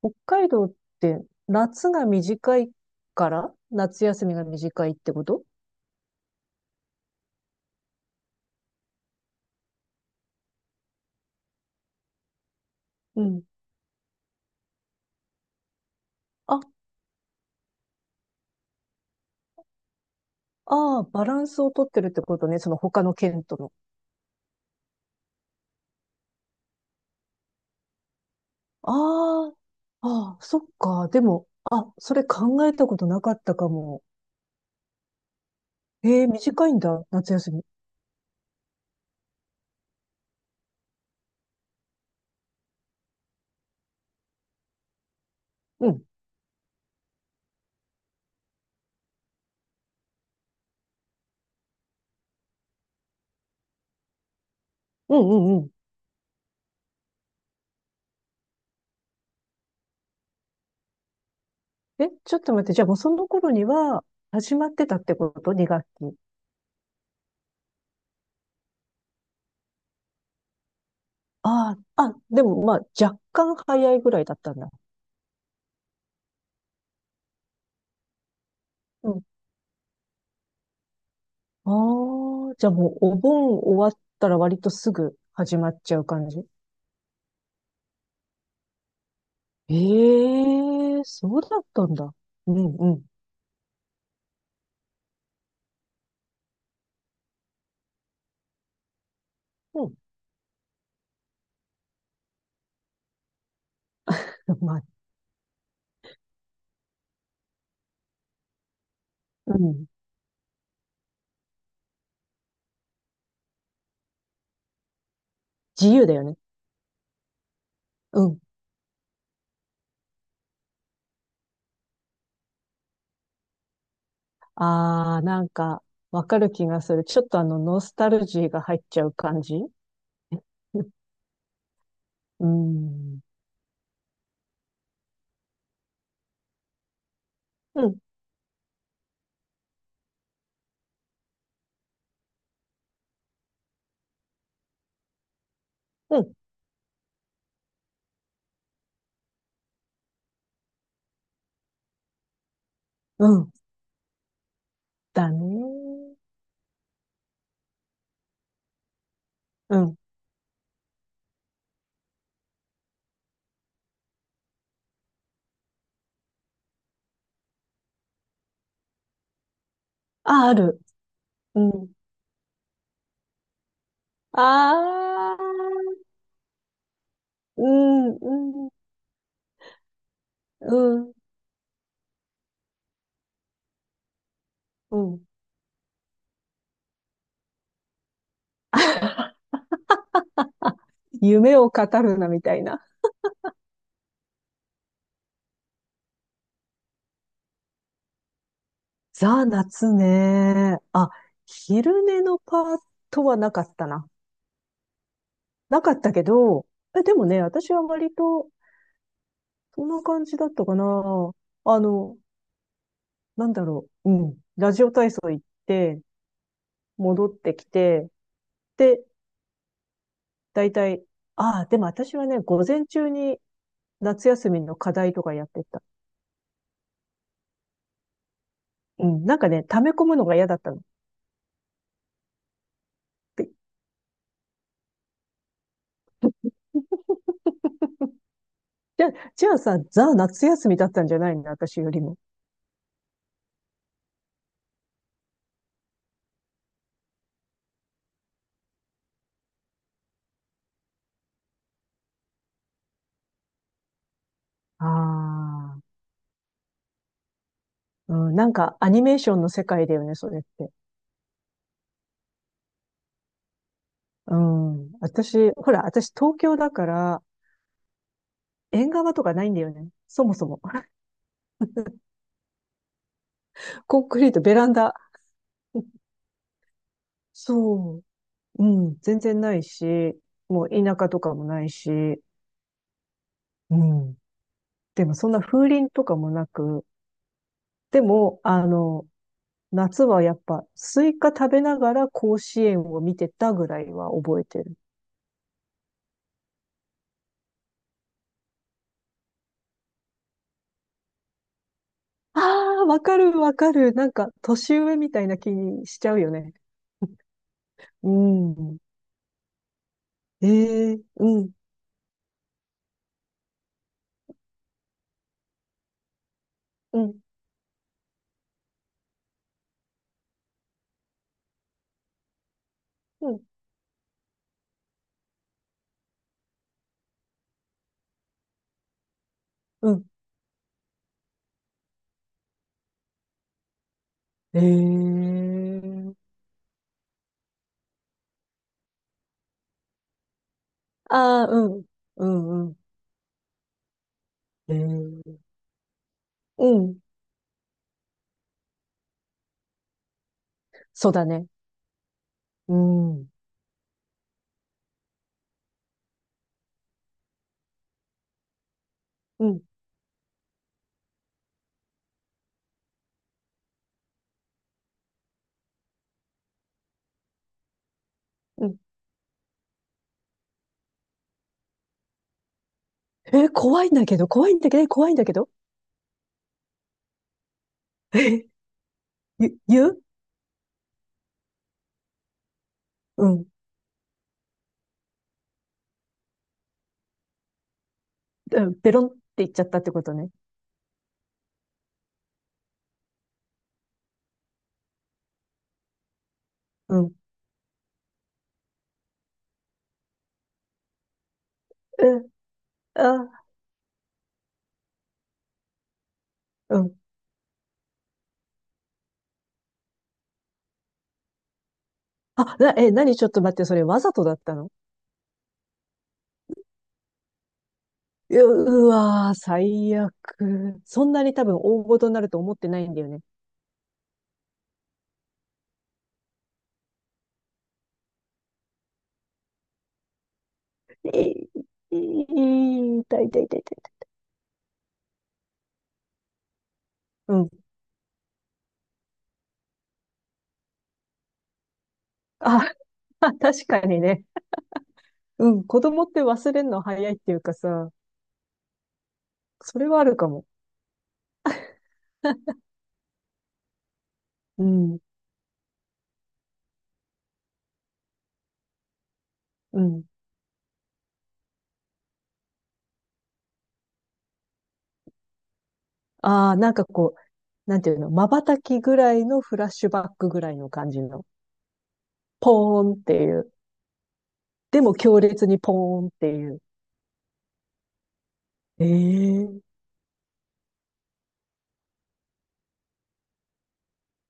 北海道って夏が短いから夏休みが短いってこと？うん。あ、ああ、バランスをとってるってことね。その他の県との。ああ、ああ、そっか。でも、あ、それ考えたことなかったかも。ええ、短いんだ、夏休み。うん。うんうんうん。え、ちょっと待って。じゃあもうその頃には始まってたってこと？ 2 学期。ああ、あ、でもまあ若干早いぐらいだったんだ。ああ、じゃあもうお盆終わったら割とすぐ始まっちゃう感じ。ええ、そうだったんだ。うん、うん。うん。まあ、うん。自由だよね。うん。ああ、なんか、わかる気がする。ちょっとノスタルジーが入っちゃう感じ。 うん。うん。うん。うん。だね。うん。あ、ある。うん。ああ、うん、うん、うん、うん。夢を語るな、みたいな。ザ・夏ね。あ、昼寝のパートはなかったな。なかったけど、え、でもね、私は割と、そんな感じだったかな。あの、なんだろう。うん。ラジオ体操行って、戻ってきて、で、大体、ああ、でも私はね、午前中に夏休みの課題とかやってた。うん。なんかね、溜め込むのが嫌だったの。で、じゃあさ、ザ・夏休みだったんじゃないの？私よりも。ああ。うん、なんかアニメーションの世界だよね、それって。うん。私、ほら、私東京だから、縁側とかないんだよね。そもそも。コンクリート、ベランダ。そう。うん。全然ないし、もう田舎とかもないし、うん。でもそんな風鈴とかもなく、でも、夏はやっぱスイカ食べながら甲子園を見てたぐらいは覚えてる。ああ、わかるわかる。なんか年上みたいな気にしちゃうよね。うん。ええ、うん、うん、うん。うん。ええ、ああ、うん、うん、うん。ええ、うん。そうだね。うん。うん、うん。怖いんだけど、怖いんだけど、怖いんだけど。えー、言う。うん。うん。ベロンって言っちゃったってことね。うん。え、あ、うん。あ、何、ちょっと待って、それわざとだったの？う、うわー、最悪。そんなに多分大事になると思ってないんだよね。い痛い痛い痛い痛い。うん。あ、確かにね。うん。子供って忘れるの早いっていうかさ、それはあるかも。うん。うん。ああ、なんかこう、なんていうの、瞬きぐらいのフラッシュバックぐらいの感じの。ポーンっていう。でも強烈にポーンっていう。ええ、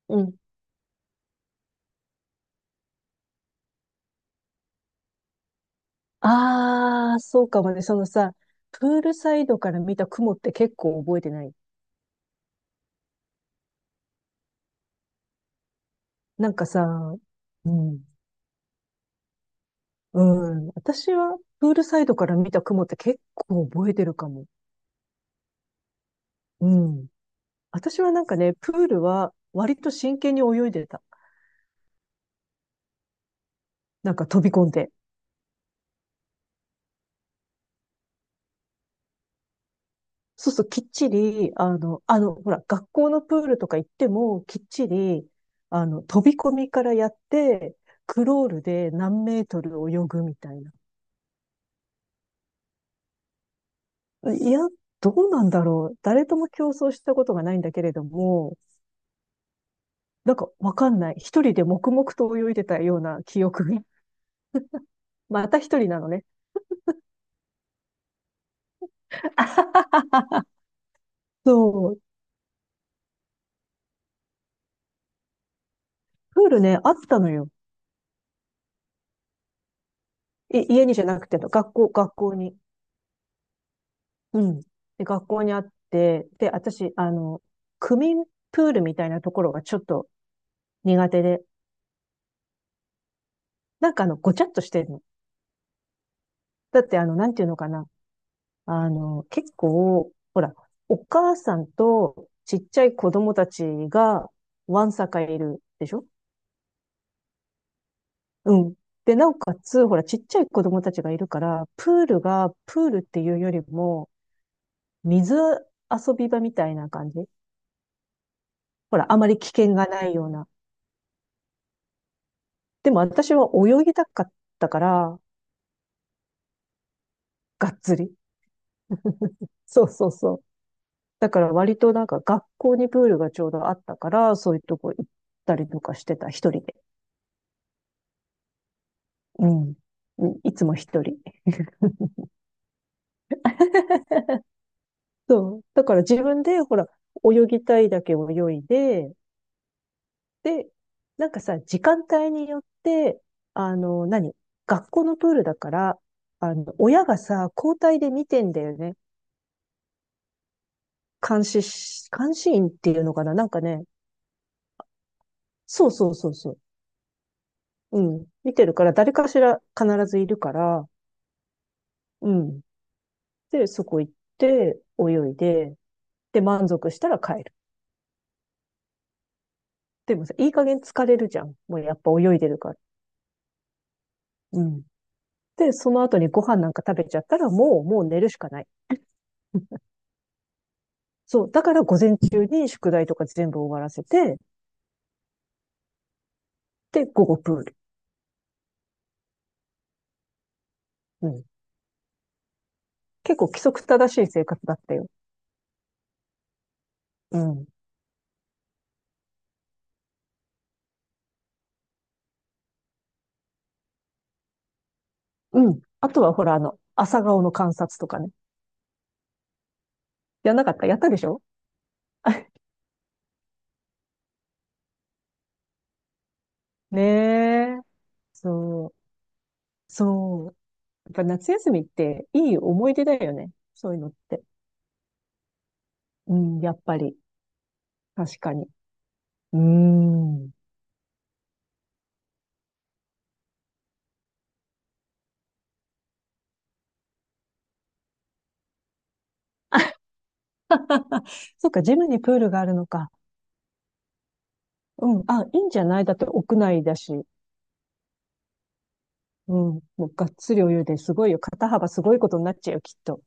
うん。ああ、そうかもね。そのさ、プールサイドから見た雲って結構覚えてない？なんかさ、うん。うん。私はプールサイドから見た雲って結構覚えてるかも。うん。私はなんかね、プールは割と真剣に泳いでた。なんか飛び込んで。そうそう、きっちり、ほら、学校のプールとか行っても、きっちり、飛び込みからやって、クロールで何メートル泳ぐみたいな。いや、どうなんだろう。誰とも競争したことがないんだけれども、なんかわかんない。一人で黙々と泳いでたような記憶が。また一人なのね。そう。プールね、あったのよ。家にじゃなくて、学校に。うん。で、学校にあって、で、私、区民プールみたいなところがちょっと苦手で、なんかごちゃっとしてるの。だって、なんていうのかな。結構、ほら、お母さんとちっちゃい子供たちが、わんさかいるでしょ。うん。で、なおかつ、ほら、ちっちゃい子供たちがいるから、プールっていうよりも、水遊び場みたいな感じ。ほら、あまり危険がないような。でも私は泳ぎたかったから、がっつり。そうそうそう。だから割となんか学校にプールがちょうどあったから、そういうとこ行ったりとかしてた、一人で。うん。うん。いつも一人。そう。だから自分で、ほら、泳ぎたいだけ泳いで、で、なんかさ、時間帯によって、あの、何学校のプールだから、親がさ、交代で見てんだよね。監視員っていうのかな、なんかね。そうそうそうそう。うん。見てるから、誰かしら必ずいるから、うん。で、そこ行って、泳いで、で、満足したら帰る。でもさ、いい加減疲れるじゃん。もうやっぱ泳いでるから。うん。で、その後にご飯なんか食べちゃったら、もう寝るしかない。そう。だから午前中に宿題とか全部終わらせて、で、午後プール。うん。結構規則正しい生活だったよ。うん。うん。あとはほら、朝顔の観察とかね。やんなかった？やったでしょ？ ねえ。そう。そう。やっぱ夏休みっていい思い出だよね。そういうのって。うん、やっぱり。確かに。うーん。そっか、ジムにプールがあるのか。うん。あ、いいんじゃない？だって屋内だし。うん。もうがっつりお湯ですごいよ。肩幅すごいことになっちゃうよ、きっと。